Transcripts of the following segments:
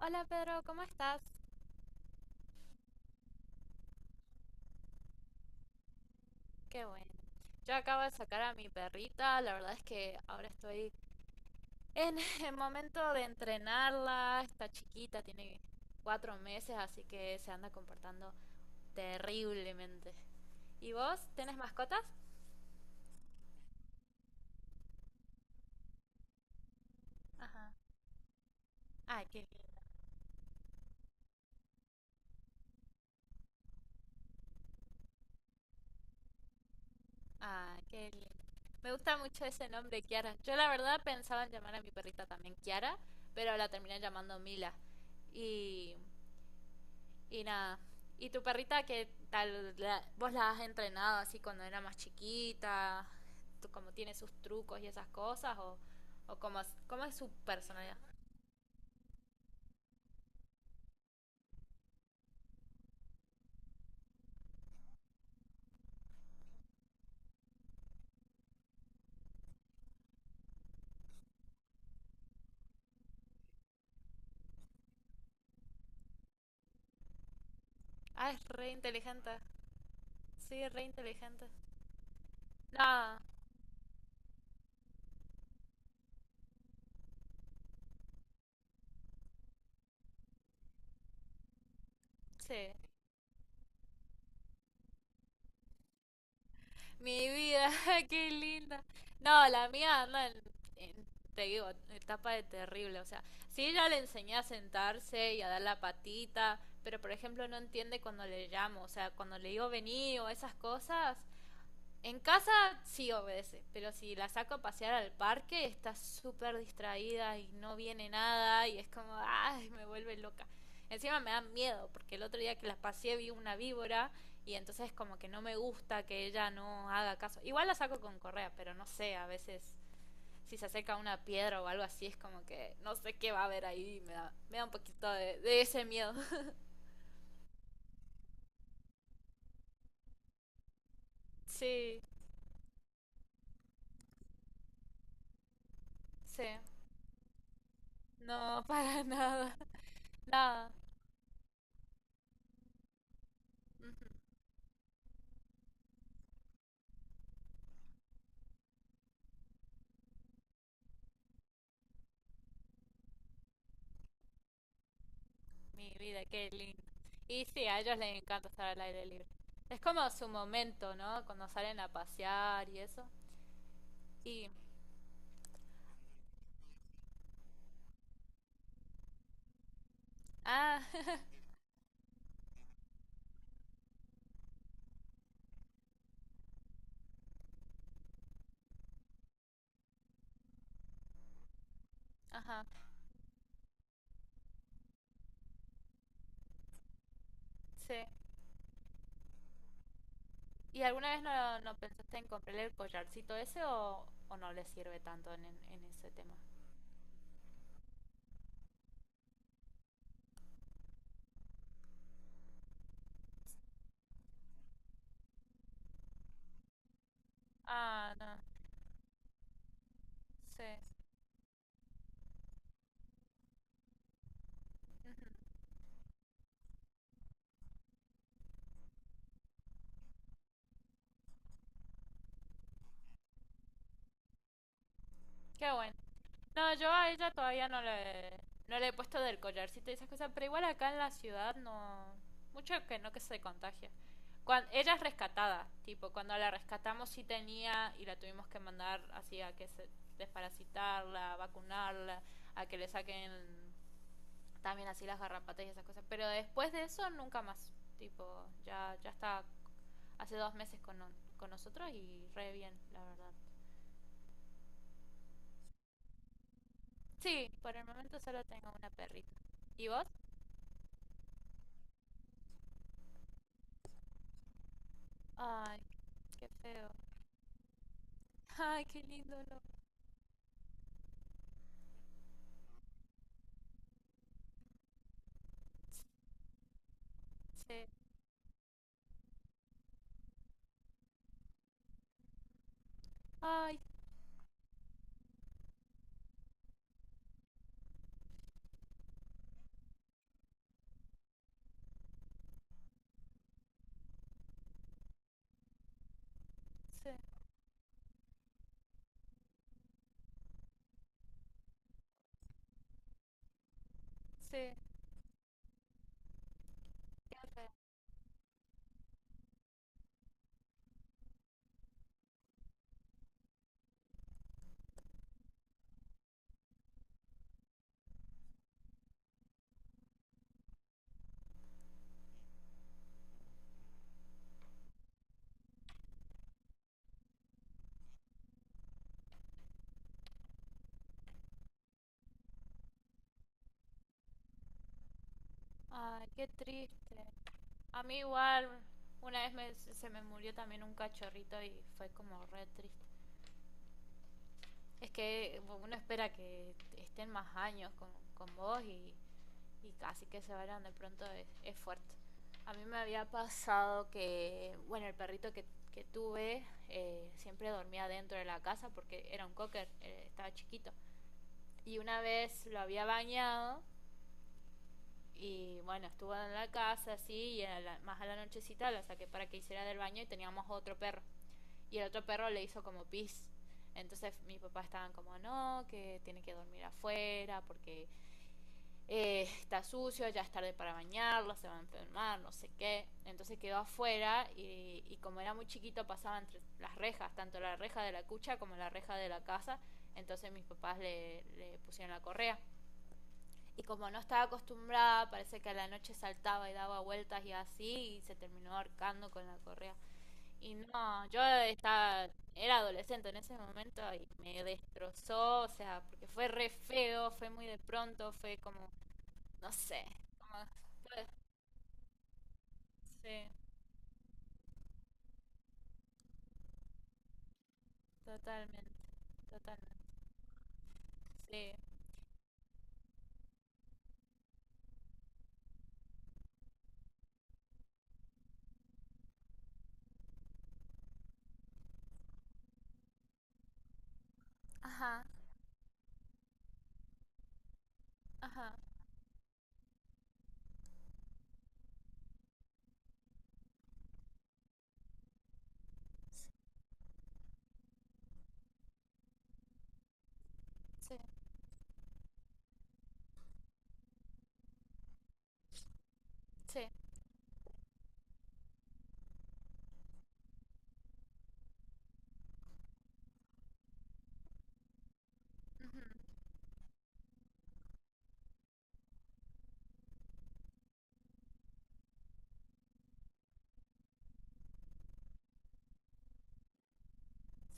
Hola Pedro, ¿cómo estás? Qué bueno. Yo acabo de sacar a mi perrita, la verdad es que ahora estoy en el momento de entrenarla, está chiquita, tiene 4 meses, así que se anda comportando terriblemente. ¿Y vos? ¿Tenés mascotas? Ajá. Ay, qué lindo. Ay, qué lindo. Me gusta mucho ese nombre, Kiara. Yo la verdad pensaba en llamar a mi perrita también Kiara, pero la terminé llamando Mila. Y Y nada. ¿Y tu perrita qué tal? ¿Vos la has entrenado así cuando era más chiquita? ¿Cómo tiene sus trucos y esas cosas? ¿O cómo, cómo es su personalidad? Ah, es re inteligente. Sí, es re inteligente. No, sí. Mi vida, qué linda. No, la mía anda en, en- te digo, etapa de terrible. O sea, sí, ella le enseñé a sentarse y a dar la patita, pero por ejemplo no entiende cuando le llamo. O sea, cuando le digo vení o esas cosas, en casa sí obedece, pero si la saco a pasear al parque está súper distraída y no viene nada y es como, ay, me vuelve loca. Encima me da miedo, porque el otro día que la paseé vi una víbora y entonces como que no me gusta que ella no haga caso. Igual la saco con correa, pero no sé, a veces si se acerca a una piedra o algo así es como que no sé qué va a haber ahí, me da un poquito de ese miedo. Sí, sí, no, para nada, nada. Ujú. Mi vida, qué lindo. Y sí, a ellos les encanta estar al aire libre. Es como su momento, ¿no? Cuando salen a pasear y eso. Y... Ah, ajá, sí. ¿Y alguna vez no pensaste en comprarle el collarcito ese o no le sirve tanto en ese tema? Ah, no, sí. Ujú. Qué bueno. No, yo a ella todavía no le he puesto del collarcito y esas cosas, pero igual acá en la ciudad no. Mucho que no que se contagia. Ella es rescatada, tipo, cuando la rescatamos sí tenía y la tuvimos que mandar así a que se desparasitarla, a vacunarla, a que le saquen también así las garrapatas y esas cosas. Pero después de eso nunca más, tipo, ya, ya está hace 2 meses con, no- con nosotros y re bien, la verdad. Sí, por el momento solo tengo una perrita. ¿Y vos? Ay, qué feo. Ay, qué lindo, no. Sí. Ay, sí, sí, qué feo. Ay, qué triste. A mí igual, una vez se me murió también un cachorrito y fue como re triste. Es que bueno, uno espera que estén más años con, con vos, y casi que se vayan de pronto es, fuerte. A mí me había pasado que, bueno, el perrito que tuve siempre dormía dentro de la casa porque era un cocker, estaba chiquito. Y una vez lo había bañado y bueno, estuvo en la casa así y más a la nochecita la saqué para que hiciera del baño y teníamos otro perro. Y el otro perro le hizo como pis. Entonces mis papás estaban como, no, que tiene que dormir afuera porque está sucio, ya es tarde para bañarlo, se va a enfermar, no sé qué. Entonces quedó afuera y como era muy chiquito pasaba entre las rejas, tanto la reja de la cucha como la reja de la casa. Entonces mis papás le pusieron la correa. Y como no estaba acostumbrada, parece que a la noche saltaba y daba vueltas y así, y se terminó ahorcando con la correa. Y no, yo estaba, era adolescente en ese momento y me destrozó, o sea, porque fue re feo, fue muy de pronto, fue como, no sé, como, fue- sí, totalmente, totalmente, sí, ajá, ajá, sí, sí, ujú,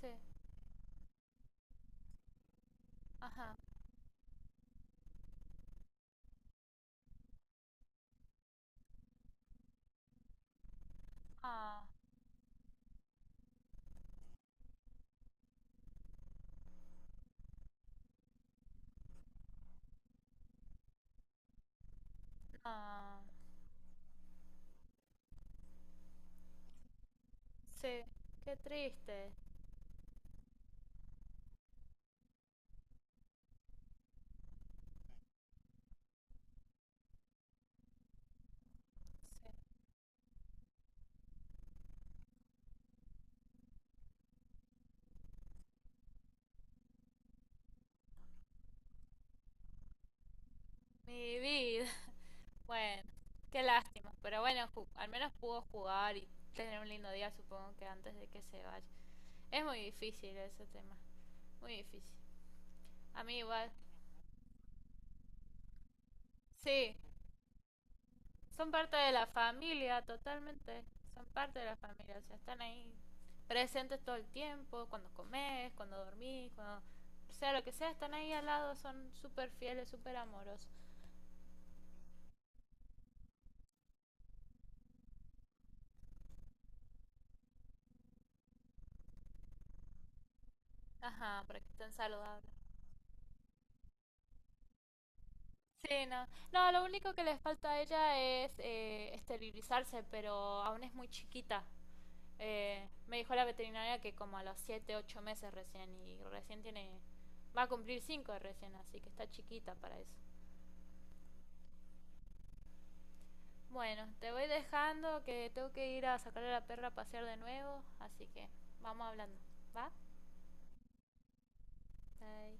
sí, ajá, ah, ah, sí, qué triste, sí. Mi vida. Bueno, qué lástima. Pero bueno, al menos pudo jugar y tener un lindo día, supongo que antes de que se vaya. Es muy difícil ese tema. Muy difícil. A mí igual. Sí, son parte de la familia, totalmente. Son parte de la familia. O sea, están ahí presentes todo el tiempo, cuando comes, cuando dormís, cuando. Sea lo que sea, están ahí al lado, son súper fieles, súper amorosos. Ajá, para que estén saludables. Sí, no. No, lo único que les falta a ella es esterilizarse, pero aún es muy chiquita. Me dijo la veterinaria que como a los 7, 8 meses recién y recién tiene. Va a cumplir 5 recién, así que está chiquita para eso. Bueno, te voy dejando que tengo que ir a sacar a la perra a pasear de nuevo, así que vamos hablando. ¿Va? Bye.